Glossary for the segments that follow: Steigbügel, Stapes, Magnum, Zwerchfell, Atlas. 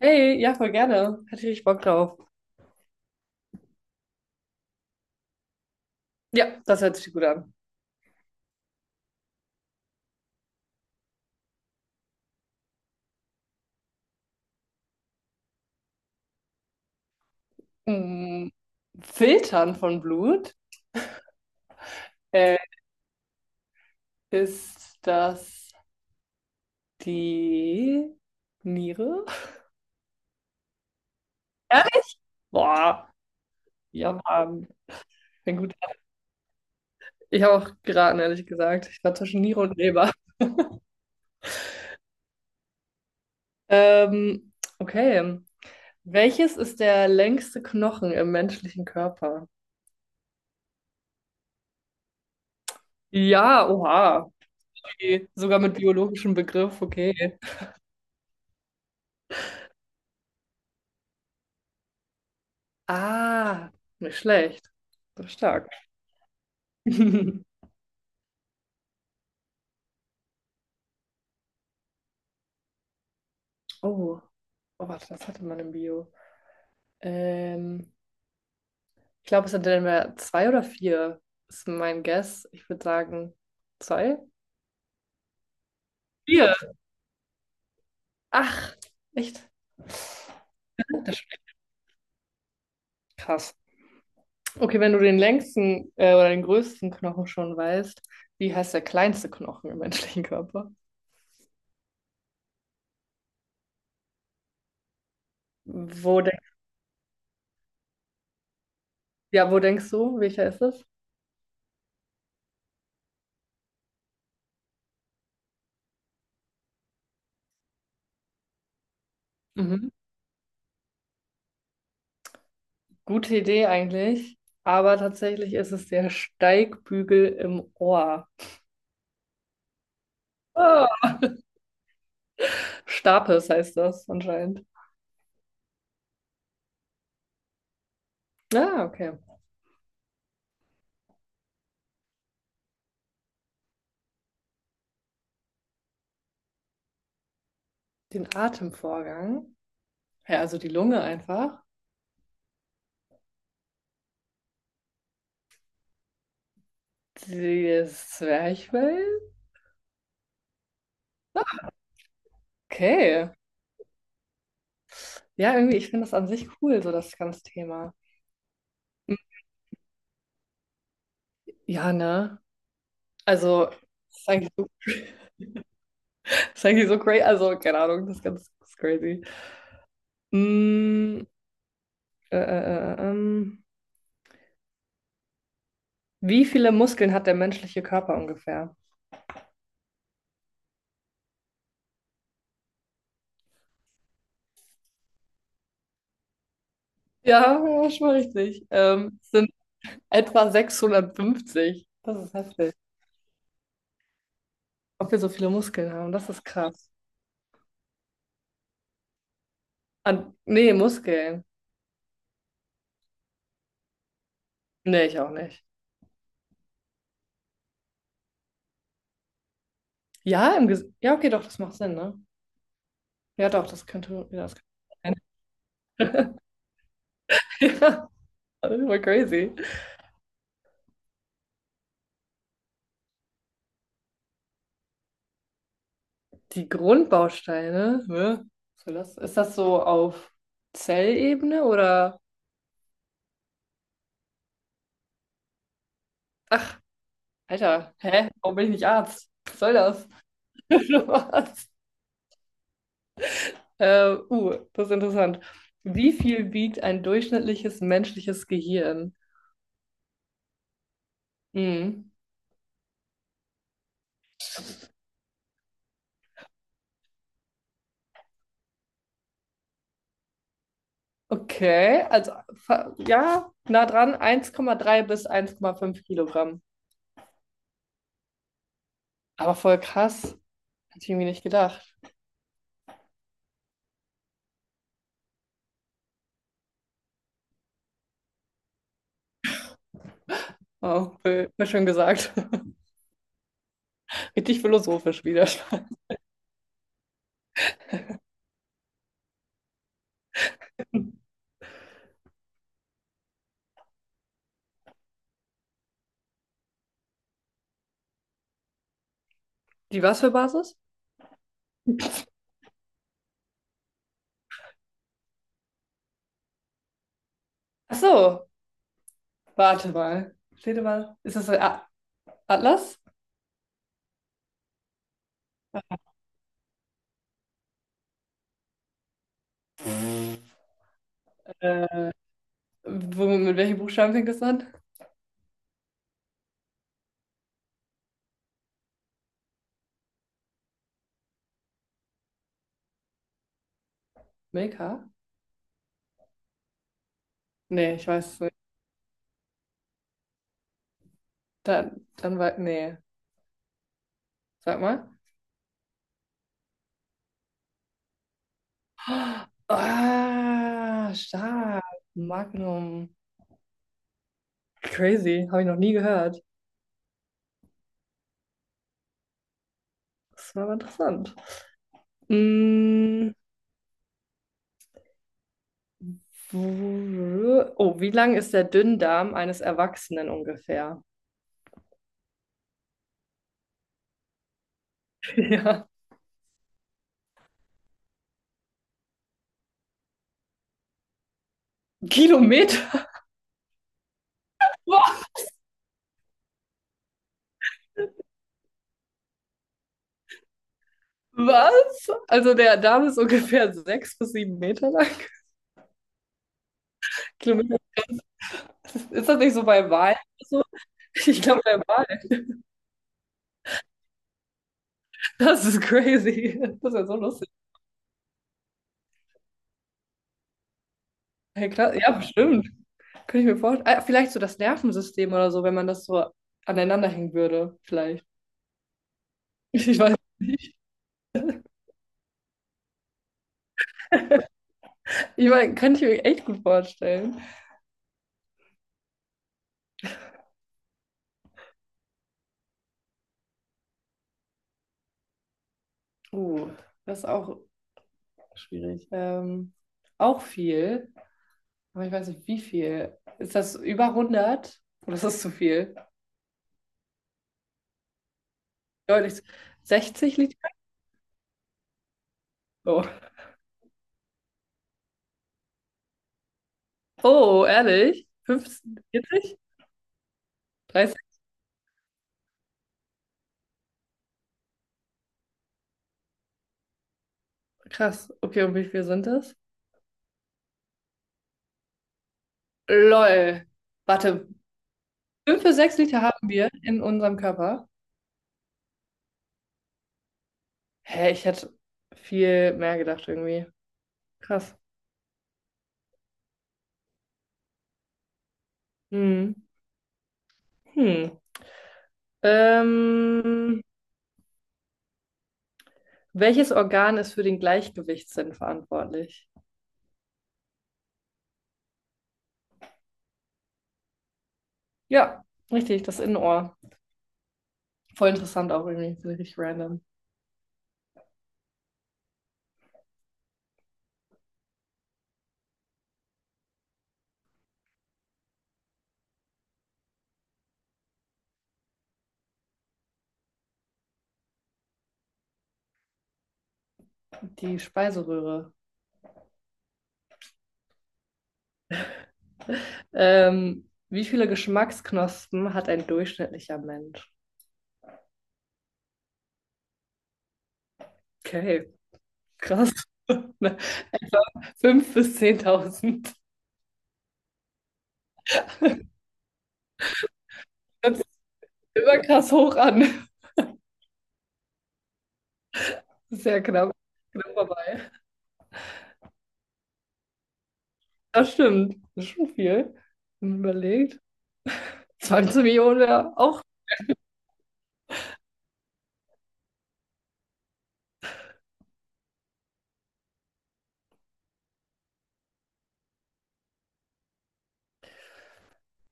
Hey, ja, voll gerne. Hatte ich richtig Bock drauf. Ja, das hört sich gut an. Mm, Filtern von Blut äh, ist das die Niere? Ehrlich? Boah, ja, Mann. Bin gut. Ich habe auch geraten, ehrlich gesagt. Ich war zwischen Niere und Leber. Ähm, okay. Welches ist der längste Knochen im menschlichen Körper? Ja, oha. Okay. Sogar mit biologischem Begriff, okay. Ah, nicht schlecht. Das ist stark. Oh, oh, warte, das hatte man im Bio. Ähm, Ich glaube, es sind dann mehr zwei oder vier, ist mein Guess. Ich würde sagen, zwei. Vier, ach, echt? Oh, das ist echt krass. Okay, wenn du den längsten oder den größten Knochen schon weißt, wie heißt der kleinste Knochen im menschlichen Körper? Wo denk Ja, wo denkst du, welcher ist es? Gute Idee eigentlich, aber tatsächlich ist es der Steigbügel im Ohr. Ah, Stapes heißt das anscheinend. Ah, okay. Den Atemvorgang. Ja, also die Lunge einfach. Das Zwerchfell. Okay. Ja, irgendwie, ich finde das an sich cool, so das ganze Thema. Hm, ja, ne? Also, das ist eigentlich so, das ist eigentlich so crazy. Also, keine Ahnung, das ist crazy. Mm, äh, äh, äh, ähm. Wie viele Muskeln hat der menschliche Körper ungefähr? Ja, ja, schon richtig. Es sind etwa 650. Das ist heftig. Ob wir so viele Muskeln haben, das ist krass. Nee, Muskeln. Nee, ich auch nicht. Ja, im Ges ja, okay, doch, das macht Sinn, ne? Ja, doch, das könnte. Ja, das könnte sein. Ja, das ist voll crazy. Die Grundbausteine, ne? Was soll das? Ist das so auf Zellebene oder? Alter, hä? Warum bin ich nicht Arzt? Was soll das? Das ist interessant. Wie viel wiegt ein durchschnittliches menschliches Gehirn? Hm. Okay, also ja, nah dran, 1,3 bis 1,5 Kilogramm. Aber voll krass, hätte ich irgendwie nicht gedacht. Oh, voll, voll schön gesagt. Richtig philosophisch wieder. Die was für Basis? Ach so, warte mal. Steht mal, ist das ein A Atlas? Äh, mit welchen Buchstaben fängt das an? Milka? Nee, ich weiß. Nee, sag mal. Ah, stark. Magnum. Crazy, habe ich noch nie gehört. Das war aber interessant. Mm, Oh, wie lang ist der Dünndarm eines Erwachsenen ungefähr? Ja. Kilometer? Was? Also der Darm ist ungefähr 6 bis 7 Meter lang. Kilometer. Ist das nicht so bei Wahlen? So? Ich glaube bei Wahlen. Das ist crazy. Das ist ja so lustig. Hey, klar, ja, bestimmt. Könnte ich mir vorstellen. Ah, vielleicht so das Nervensystem oder so, wenn man das so aneinander hängen würde, vielleicht. Ich weiß nicht. Ich meine, könnte ich mir echt gut vorstellen. Uh, Das ist auch schwierig. Auch viel, aber ich weiß nicht, wie viel. Ist das über 100? Oder ist das zu viel? Deutlich. 60 Liter? Oh, oh ehrlich? 15, 40? 30? Krass. Okay, und wie viel sind das? Lol. Warte, 5 bis 6 Liter haben wir in unserem Körper. Hä, ich hätte viel mehr gedacht irgendwie. Krass. Hm. Hm. Ähm, Welches Organ ist für den Gleichgewichtssinn verantwortlich? Ja, richtig, das Innenohr. Voll interessant auch irgendwie, so richtig random. Die Speiseröhre. Wie viele Geschmacksknospen hat ein durchschnittlicher Mensch? Okay, krass. 5.000 bis 10.000. Das ist immer krass hoch an. Sehr knapp, knapp vorbei. Das stimmt. Das ist schon viel. Wenn man überlegt. 20 Millionen wäre auch.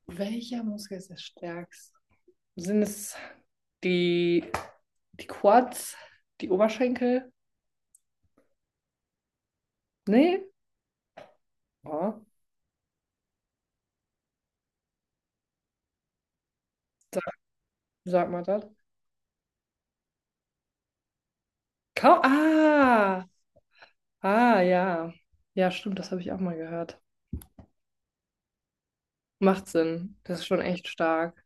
Welcher Muskel ist der stärkste? Sind es die, die Quads, die Oberschenkel? Nee? Ja. Sag, sag mal das. Kau Ah! Ah, ja. Ja, stimmt, das habe ich auch mal gehört. Macht Sinn. Das ist schon echt stark.